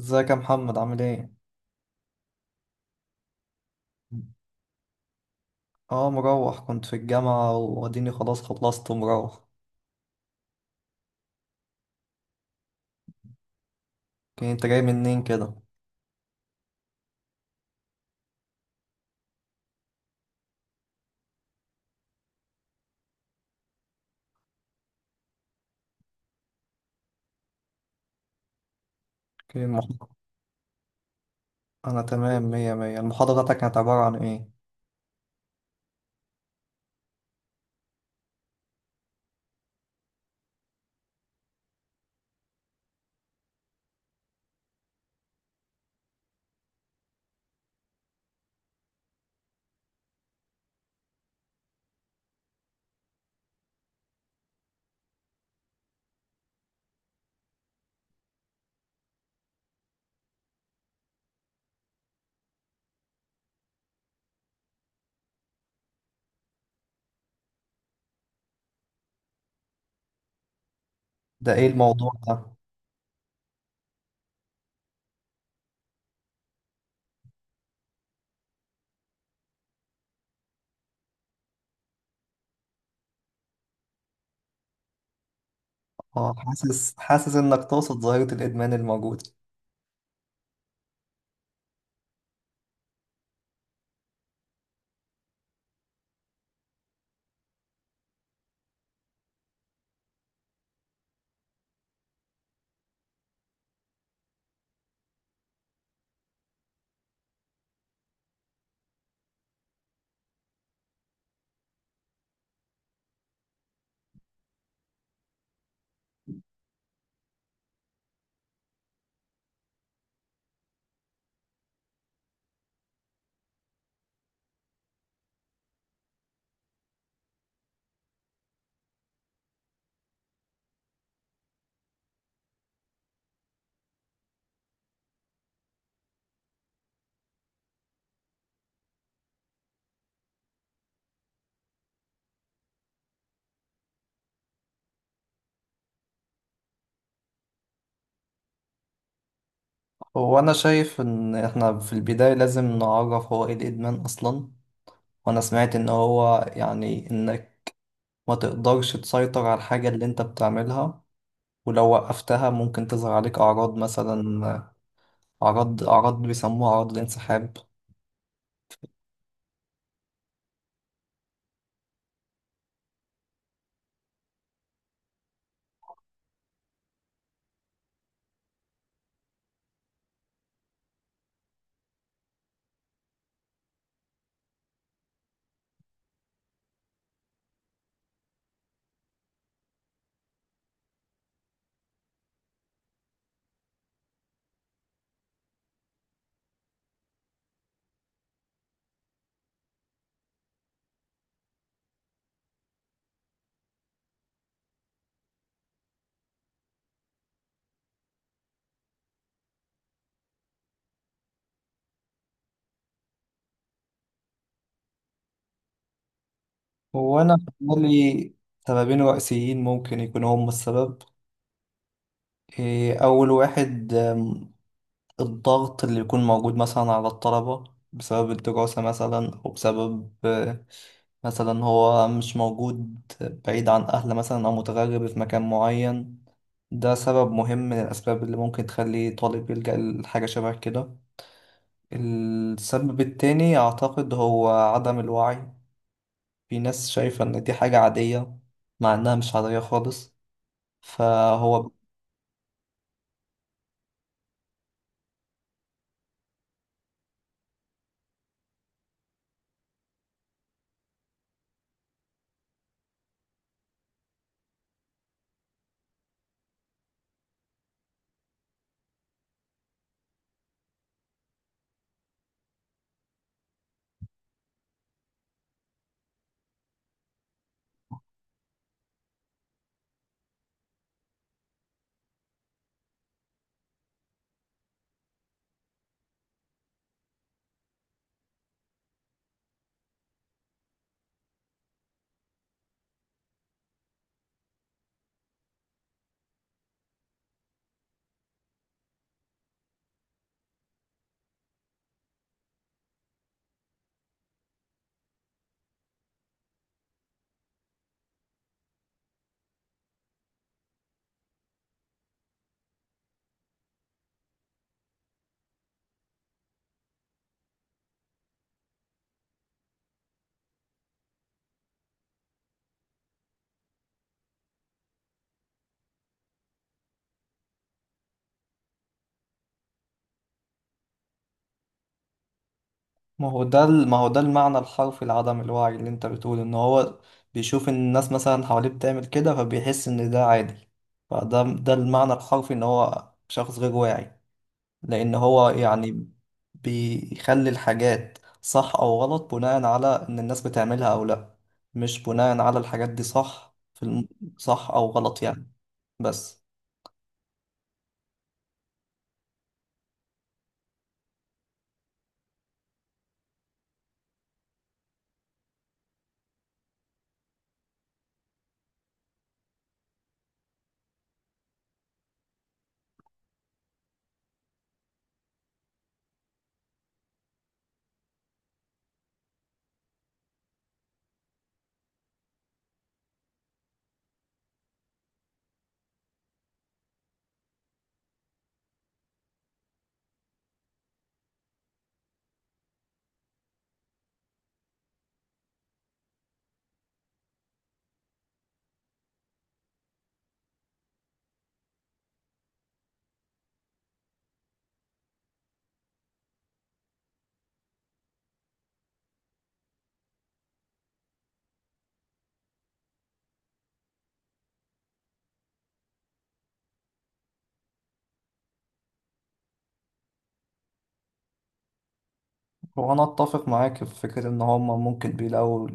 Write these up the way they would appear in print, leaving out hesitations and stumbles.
ازيك يا محمد؟ عامل ايه؟ اه، مروح. كنت في الجامعة واديني خلاص خلصت ومروح. اوكي، انت جاي منين كده؟ اوكي. انا تمام، مية مية. المحاضرة بتاعتك كانت عبارة عن ايه؟ ده ايه الموضوع ده؟ اه، حاسس انك تقصد ظاهرة الادمان الموجودة. هو انا شايف ان احنا في البداية لازم نعرف هو ايه الادمان اصلا. وانا سمعت ان هو يعني انك ما تقدرش تسيطر على الحاجة اللي انت بتعملها، ولو وقفتها ممكن تظهر عليك أعراض، مثلا أعراض بيسموها أعراض الانسحاب. وأنا لي سببين رئيسيين ممكن يكونوا هم السبب. أول واحد، الضغط اللي يكون موجود مثلا على الطلبة بسبب الدراسة، مثلا أو بسبب مثلا هو مش موجود، بعيد عن أهله مثلا أو متغرب في مكان معين. ده سبب مهم من الأسباب اللي ممكن تخلي طالب يلجأ لحاجة شبه كده. السبب التاني أعتقد هو عدم الوعي. في ناس شايفة إن دي حاجة عادية مع إنها مش عادية خالص. فهو ما هو ده المعنى الحرفي لعدم الوعي، اللي أنت بتقول إن هو بيشوف إن الناس مثلا حواليه بتعمل كده فبيحس إن ده عادي. فده المعنى الحرفي إن هو شخص غير واعي، لأن هو يعني بيخلي الحاجات صح أو غلط بناء على إن الناس بتعملها أو لأ، مش بناء على الحاجات دي. صح صح أو غلط يعني. بس هو انا اتفق معاك في فكره ان هم ممكن بيلاقوا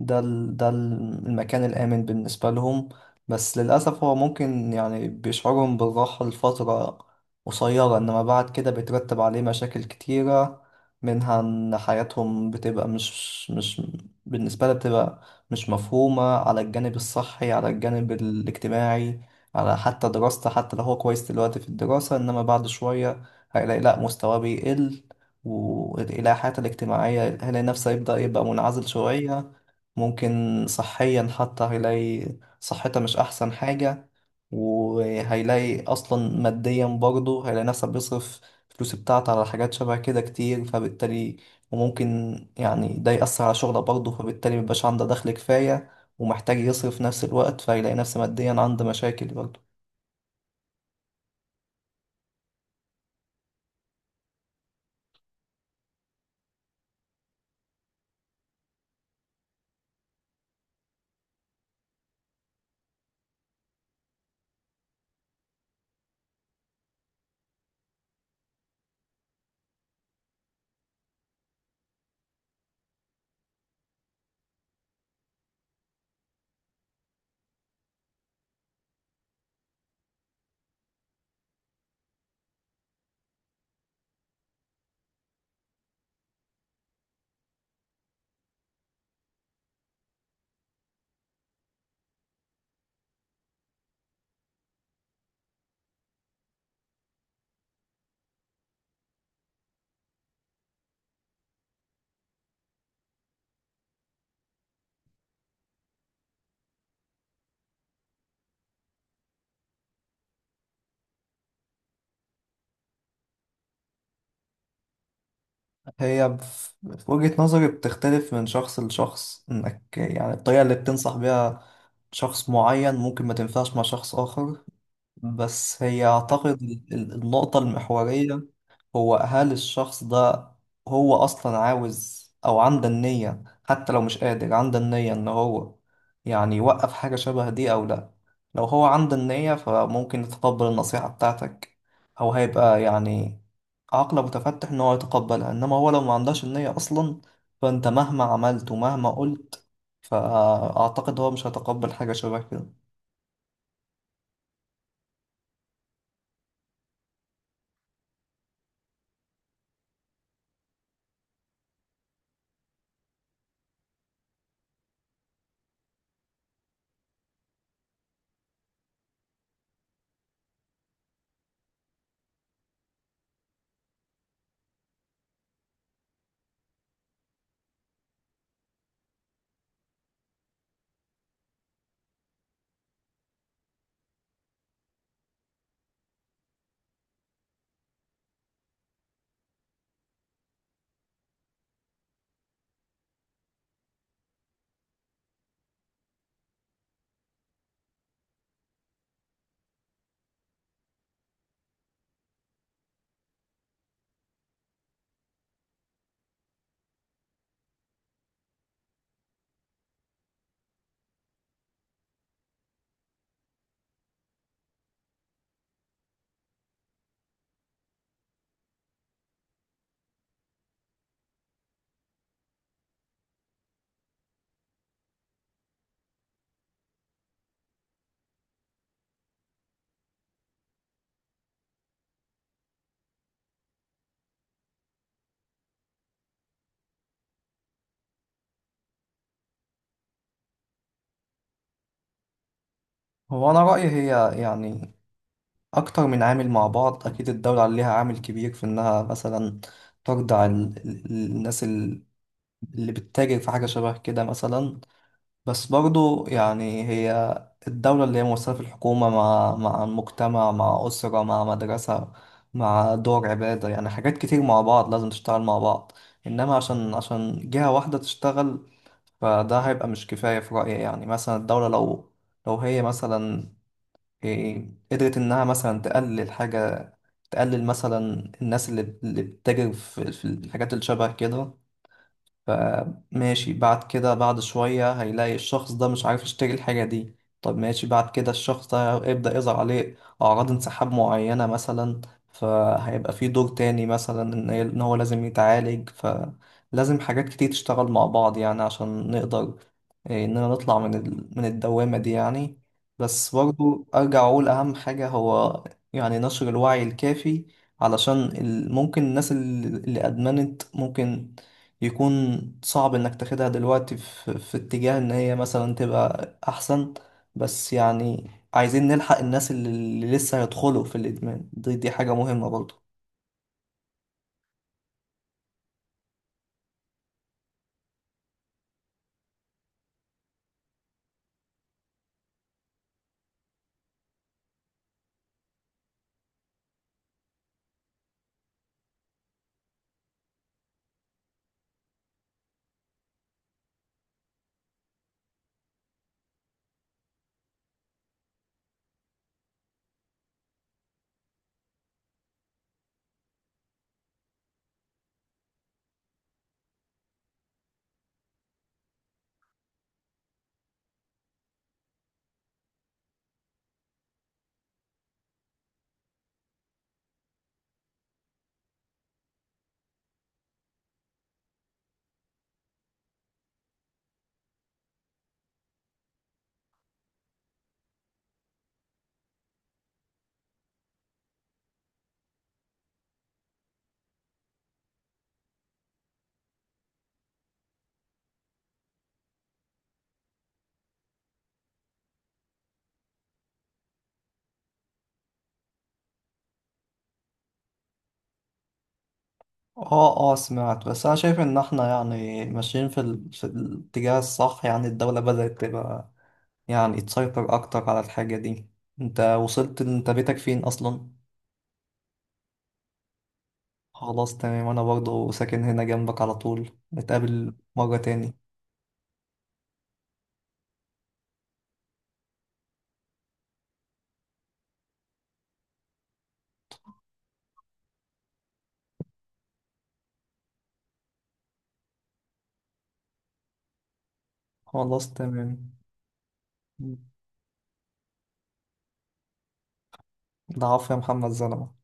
المكان الآمن بالنسبة لهم. بس للأسف هو ممكن يعني بيشعرهم بالراحة لفترة قصيرة، إنما بعد كده بيترتب عليه مشاكل كتيرة، منها إن حياتهم بتبقى مش بالنسبة لها، بتبقى مش مفهومة على الجانب الصحي، على الجانب الاجتماعي، على حتى دراسته. حتى لو هو كويس دلوقتي في الدراسة، إنما بعد شوية هيلاقي لأ، مستواه بيقل. ويلاقي حياته الاجتماعية، هيلاقي نفسه يبدأ يبقى منعزل شوية. ممكن صحيا حتى هيلاقي صحتها مش أحسن حاجة. وهيلاقي أصلا ماديا برضه هيلاقي نفسه بيصرف الفلوس بتاعته على حاجات شبه كده كتير، فبالتالي وممكن يعني ده يأثر على شغله برضه، فبالتالي مبيبقاش عنده دخل كفاية ومحتاج يصرف في نفس الوقت، فهيلاقي نفسه ماديا عنده مشاكل برضه. هي في وجهة نظري بتختلف من شخص لشخص، إنك يعني الطريقة اللي بتنصح بيها شخص معين ممكن ما تنفعش مع شخص آخر. بس هي أعتقد النقطة المحورية هو، هل الشخص ده هو أصلا عاوز أو عنده النية؟ حتى لو مش قادر، عنده النية إن هو يعني يوقف حاجة شبه دي أو لأ. لو هو عنده النية فممكن يتقبل النصيحة بتاعتك، أو هيبقى يعني عقله متفتح إن هو يتقبلها. إنما هو لو ما عندهش النية أصلا، فأنت مهما عملت ومهما قلت فأعتقد هو مش هيتقبل حاجة شبه كده. هو أنا رأيي، هي يعني أكتر من عامل مع بعض. أكيد الدولة عليها عامل كبير في إنها مثلا ترضع الناس اللي بتتاجر في حاجة شبه كده مثلا. بس برضو يعني هي الدولة اللي هي ممثلة في الحكومة، مع المجتمع، مع أسرة، مع مدرسة، مع دور عبادة. يعني حاجات كتير مع بعض لازم تشتغل مع بعض، إنما عشان جهة واحدة تشتغل فده هيبقى مش كفاية في رأيي. يعني مثلا الدولة لو هي مثلا، قدرت إنها مثلا تقلل حاجة، تقلل مثلا الناس اللي بتتاجر في الحاجات اللي شبه كده، فماشي. بعد كده بعد شوية هيلاقي الشخص ده مش عارف يشتري الحاجة دي. طب ماشي، بعد كده الشخص ده يبدأ يظهر عليه أعراض انسحاب معينة مثلا، فهيبقى في دور تاني مثلا إن هو لازم يتعالج. فلازم حاجات كتير تشتغل مع بعض يعني، عشان نقدر إننا نطلع من من الدوامة دي يعني. بس برضو أرجع أقول أهم حاجة هو يعني نشر الوعي الكافي، علشان ممكن الناس اللي أدمنت ممكن يكون صعب انك تاخدها دلوقتي في, في اتجاه ان هي مثلا تبقى احسن. بس يعني عايزين نلحق الناس اللي لسه هيدخلوا في الادمان. دي دي حاجة مهمة برضو. اه اه، سمعت. بس انا شايف ان احنا يعني ماشيين في الاتجاه الصح. يعني الدولة بدأت تبقى يعني تسيطر اكتر على الحاجة دي. انت وصلت؟ انت بيتك فين اصلا؟ خلاص، تمام. انا برضو ساكن هنا جنبك، على طول نتقابل مرة تاني. خلاص، تمام. ضعاف يا محمد زلمة.